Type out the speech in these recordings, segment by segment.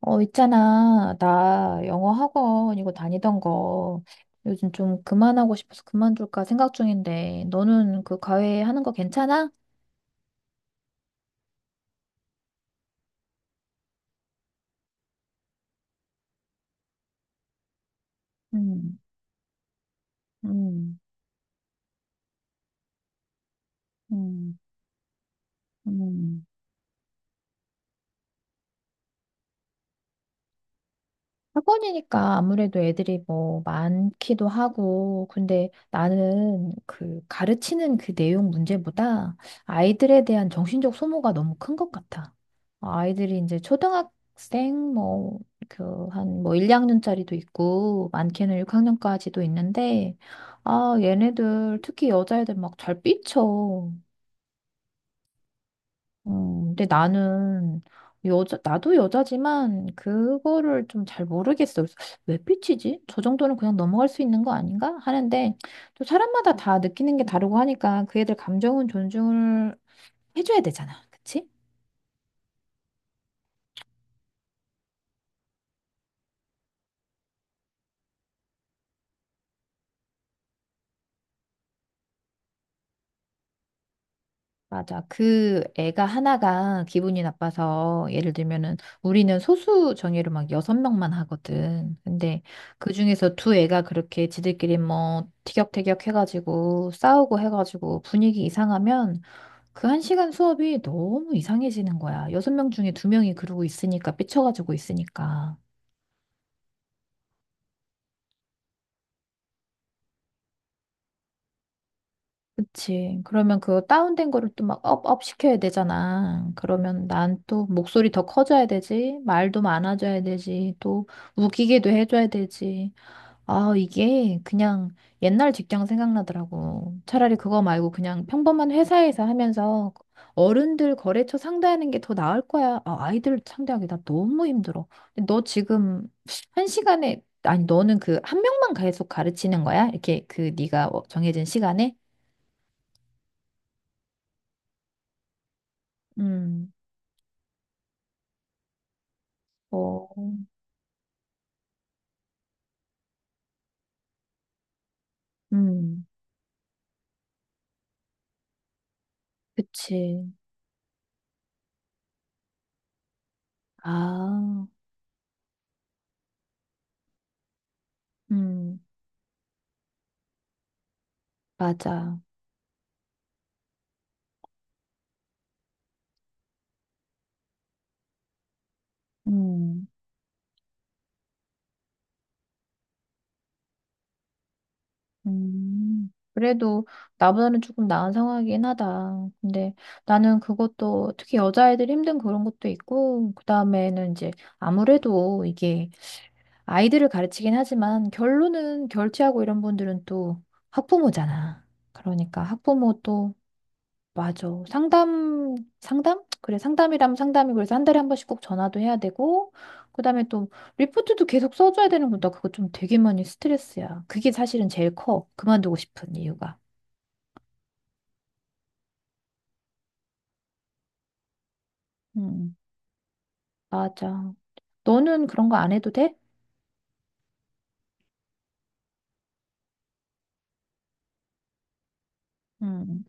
어, 있잖아. 나 영어 학원 이거 다니던 거 요즘 좀 그만하고 싶어서 그만둘까 생각 중인데 너는 그 과외 하는 거 괜찮아? 음, 음, 음, 음. 학원이니까 아무래도 애들이 뭐 많기도 하고, 근데 나는 그 가르치는 그 내용 문제보다 아이들에 대한 정신적 소모가 너무 큰 것 같아. 아이들이 이제 초등학생 뭐, 그, 한 뭐 1, 2학년짜리도 있고, 많게는 6학년까지도 있는데, 아, 얘네들, 특히 여자애들 막 잘 삐쳐. 근데 나는 나도 여자지만 그거를 좀 잘 모르겠어. 그래서 왜 삐치지? 저 정도는 그냥 넘어갈 수 있는 거 아닌가? 하는데 또 사람마다 다 느끼는 게 다르고 하니까 그 애들 감정은 존중을 해줘야 되잖아. 그치? 맞아. 그 애가 하나가 기분이 나빠서 예를 들면은 우리는 소수 정예로 막 여섯 명만 하거든. 근데 그 중에서 두 애가 그렇게 지들끼리 뭐 티격태격 해가지고 싸우고 해가지고 분위기 이상하면 그 한 시간 수업이 너무 이상해지는 거야. 여섯 명 중에 두 명이 그러고 있으니까, 삐쳐가지고 있으니까. 그치. 그러면 그 다운된 거를 또 막 업업 시켜야 되잖아. 그러면 난 또 목소리 더 커져야 되지. 말도 많아져야 되지. 또 웃기게도 해줘야 되지. 아, 이게 그냥 옛날 직장 생각나더라고. 차라리 그거 말고 그냥 평범한 회사에서 하면서 어른들 거래처 상대하는 게 더 나을 거야. 아, 아이들 상대하기 나 너무 힘들어. 근데 너 지금 한 시간에, 아니, 너는 그 한 명만 계속 가르치는 거야? 이렇게 그 네가 어, 정해진 시간에? 음, 어, 음, 그치. 아, 음, 맞아. 음. 그래도 나보다는 조금 나은 상황이긴 하다. 근데 나는 그것도 특히 여자아이들 힘든 그런 것도 있고, 그 다음에는 이제 아무래도 이게 아이들을 가르치긴 하지만 결론은 결제하고 이런 분들은 또 학부모잖아. 그러니까 학부모 또 맞아. 상담, 상담? 그래, 상담이라면 상담이 그래서 한 달에 한 번씩 꼭 전화도 해야 되고, 그 다음에 또 리포트도 계속 써줘야 되는 거나 그거 좀 되게 많이 스트레스야. 그게 사실은 제일 커. 그만두고 싶은 이유가. 음, 맞아. 너는 그런 거 안 해도 돼? 음,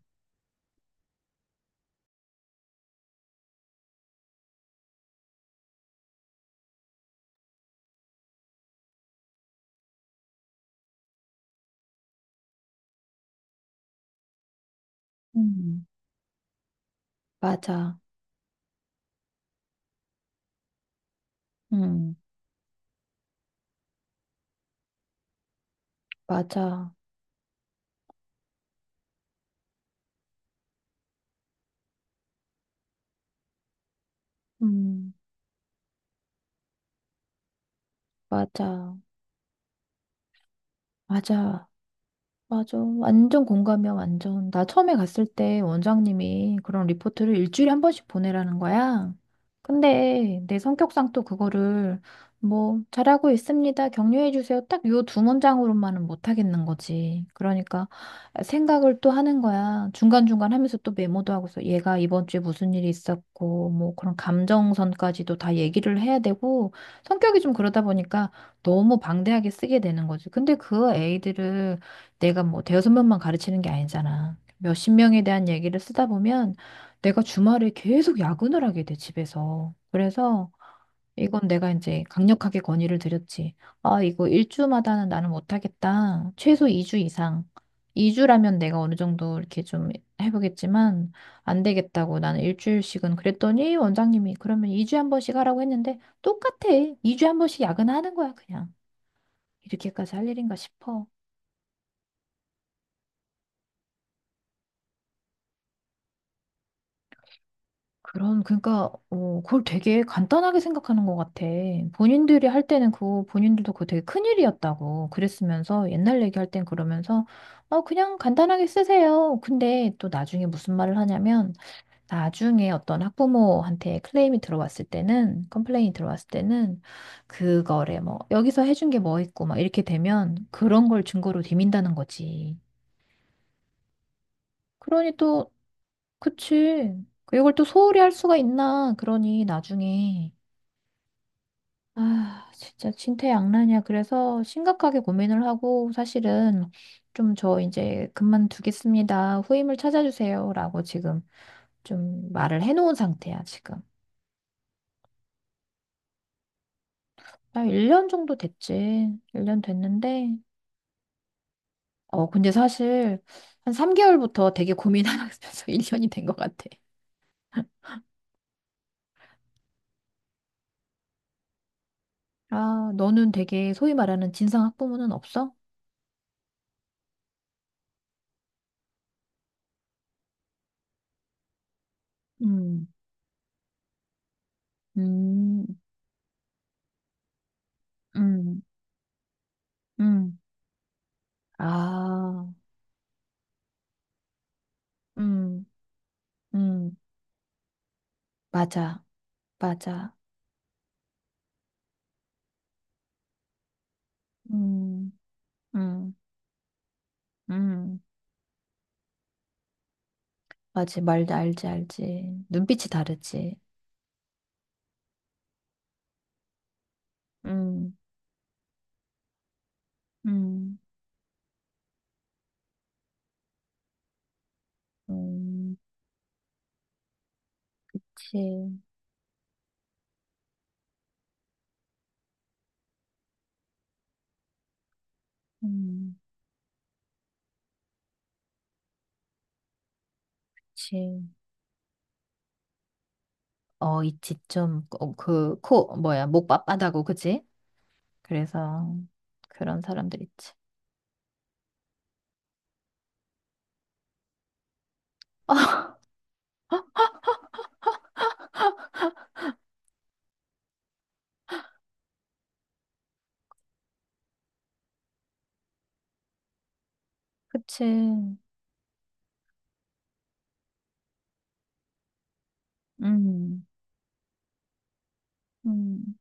음, 맞아. 음, 맞아. 음, 맞아. 맞아. 맞아. 완전 공감이야, 완전. 나 처음에 갔을 때 원장님이 그런 리포트를 일주일에 한 번씩 보내라는 거야. 근데 내 성격상 또 그거를 뭐, 잘하고 있습니다. 격려해 주세요. 딱 요 두 문장으로만은 못 하겠는 거지. 그러니까 생각을 또 하는 거야. 중간중간 하면서 또 메모도 하고서 얘가 이번 주에 무슨 일이 있었고, 뭐 그런 감정선까지도 다 얘기를 해야 되고, 성격이 좀 그러다 보니까 너무 방대하게 쓰게 되는 거지. 근데 그 애들을 내가 뭐 대여섯 명만 가르치는 게 아니잖아. 몇십 명에 대한 얘기를 쓰다 보면 내가 주말에 계속 야근을 하게 돼, 집에서. 그래서 이건 내가 이제 강력하게 건의를 드렸지. 아, 이거 일주마다는 나는 못하겠다. 최소 이 주 이상. 이주라면 내가 어느 정도 이렇게 좀 해보겠지만 안 되겠다고 나는 일주일씩은 그랬더니 원장님이 그러면 이주에한 번씩 하라고 했는데 똑같아. 이주에한 번씩 야근하는 거야, 그냥. 이렇게까지 할 일인가 싶어. 그런 그러니까, 어, 그걸 되게 간단하게 생각하는 것 같아. 본인들이 할 때는 그, 본인들도 그거 되게 큰일이었다고. 그랬으면서, 옛날 얘기할 땐 그러면서, 어, 그냥 간단하게 쓰세요. 근데 또 나중에 무슨 말을 하냐면, 나중에 어떤 학부모한테 클레임이 들어왔을 때는, 컴플레인이 들어왔을 때는, 그거래, 뭐, 여기서 해준 게 뭐 있고, 막 이렇게 되면, 그런 걸 증거로 디민다는 거지. 그러니 또, 그치. 이걸 또 소홀히 할 수가 있나. 그러니 나중에. 아, 진짜 진퇴양난이야. 그래서 심각하게 고민을 하고 사실은 좀 저 이제 그만두겠습니다. 후임을 찾아주세요라고 지금 좀 말을 해놓은 상태야, 지금. 한 1년 정도 됐지. 1년 됐는데. 어, 근데 사실 한 3개월부터 되게 고민하면서 1년이 된 것 같아. 아, 너는 되게 소위 말하는 진상 학부모는 없어? 음, 음, 음, 음. 아, 음, 음. 맞아. 맞아. 음, 음, 음, 맞지. 말 알지, 알지. 눈빛이 다르지. 음, 음, 음, 치. 음, 그치. 어, 있지. 좀, 어, 그, 코, 뭐야, 목 빳빳하고, 그지? 그래서, 그런 사람들 있지. 그치. 음, 음,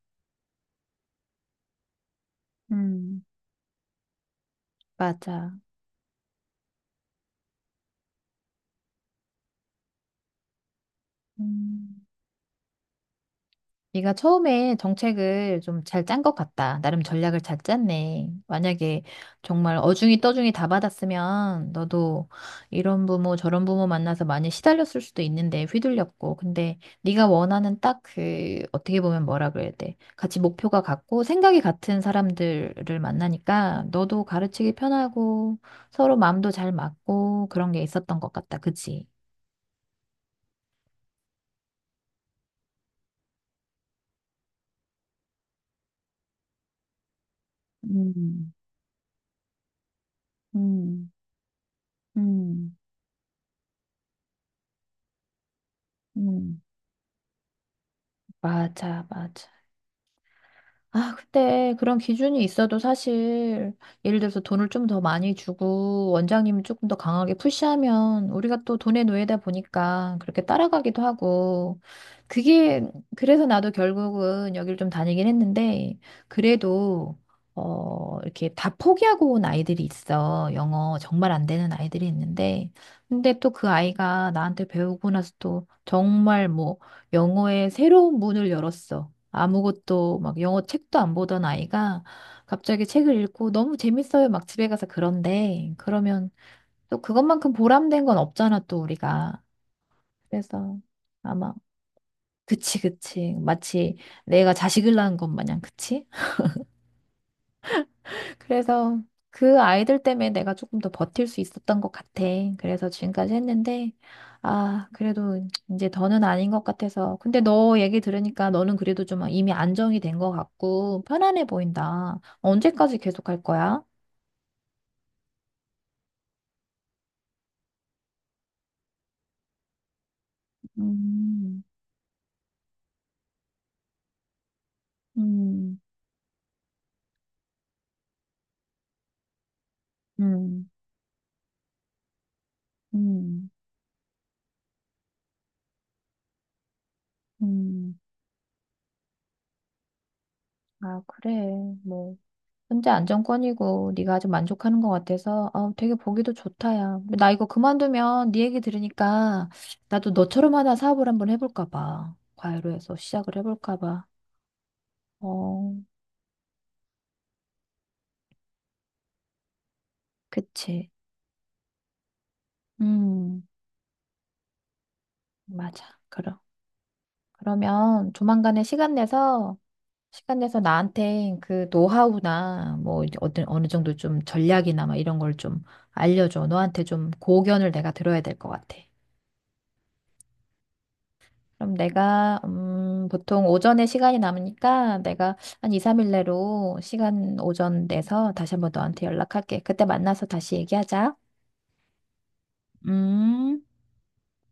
음, 맞아. 음. 네가 처음에 정책을 좀 잘 짠 것 같다. 나름 전략을 잘 짰네. 만약에 정말 어중이 떠중이 다 받았으면 너도 이런 부모 저런 부모 만나서 많이 시달렸을 수도 있는데 휘둘렸고. 근데 네가 원하는 딱 그 어떻게 보면 뭐라 그래야 돼. 같이 목표가 같고 생각이 같은 사람들을 만나니까 너도 가르치기 편하고 서로 마음도 잘 맞고 그런 게 있었던 것 같다. 그치? 음, 음, 음, 음. 맞아, 맞아. 아, 근데 그런 기준이 있어도 사실 예를 들어서 돈을 좀 더 많이 주고 원장님이 조금 더 강하게 푸시하면 우리가 또 돈의 노예다 보니까 그렇게 따라가기도 하고 그게 그래서 나도 결국은 여길 좀 다니긴 했는데 그래도 어 이렇게 다 포기하고 온 아이들이 있어. 영어 정말 안 되는 아이들이 있는데 근데 또 그 아이가 나한테 배우고 나서 또 정말 뭐 영어의 새로운 문을 열었어. 아무것도 막 영어 책도 안 보던 아이가 갑자기 책을 읽고 너무 재밌어요. 막 집에 가서 그런데 그러면 또 그것만큼 보람된 건 없잖아, 또 우리가. 그래서 아마 그치, 그치. 마치 내가 자식을 낳은 것 마냥, 그치? 그래서 그 아이들 때문에 내가 조금 더 버틸 수 있었던 것 같아. 그래서 지금까지 했는데, 아, 그래도 이제 더는 아닌 것 같아서. 근데 너 얘기 들으니까 너는 그래도 좀 이미 안정이 된 것 같고 편안해 보인다. 언제까지 계속 할 거야? 음, 음, 음, 음. 음. 아, 그래. 뭐. 현재 안정권이고 네가 아주 만족하는 것 같아서 어, 되게 보기도 좋다 야. 나 이거 그만두면 네 얘기 들으니까 나도 너처럼 하나 사업을 한번 해볼까 봐. 과외로 해서 시작을 해볼까 봐. 어, 그치. 음, 맞아. 그럼. 그러면 조만간에 시간 내서 시간 내서 나한테 그 노하우나 뭐 이제 어떤 어느 정도 좀 전략이나 막 이런 걸 좀 알려줘. 너한테 좀 고견을 내가 들어야 될 것 같아. 그럼 내가, 보통 오전에 시간이 남으니까 내가 한 2, 3일 내로 시간 오전 내서 다시 한번 너한테 연락할게. 그때 만나서 다시 얘기하자. 음.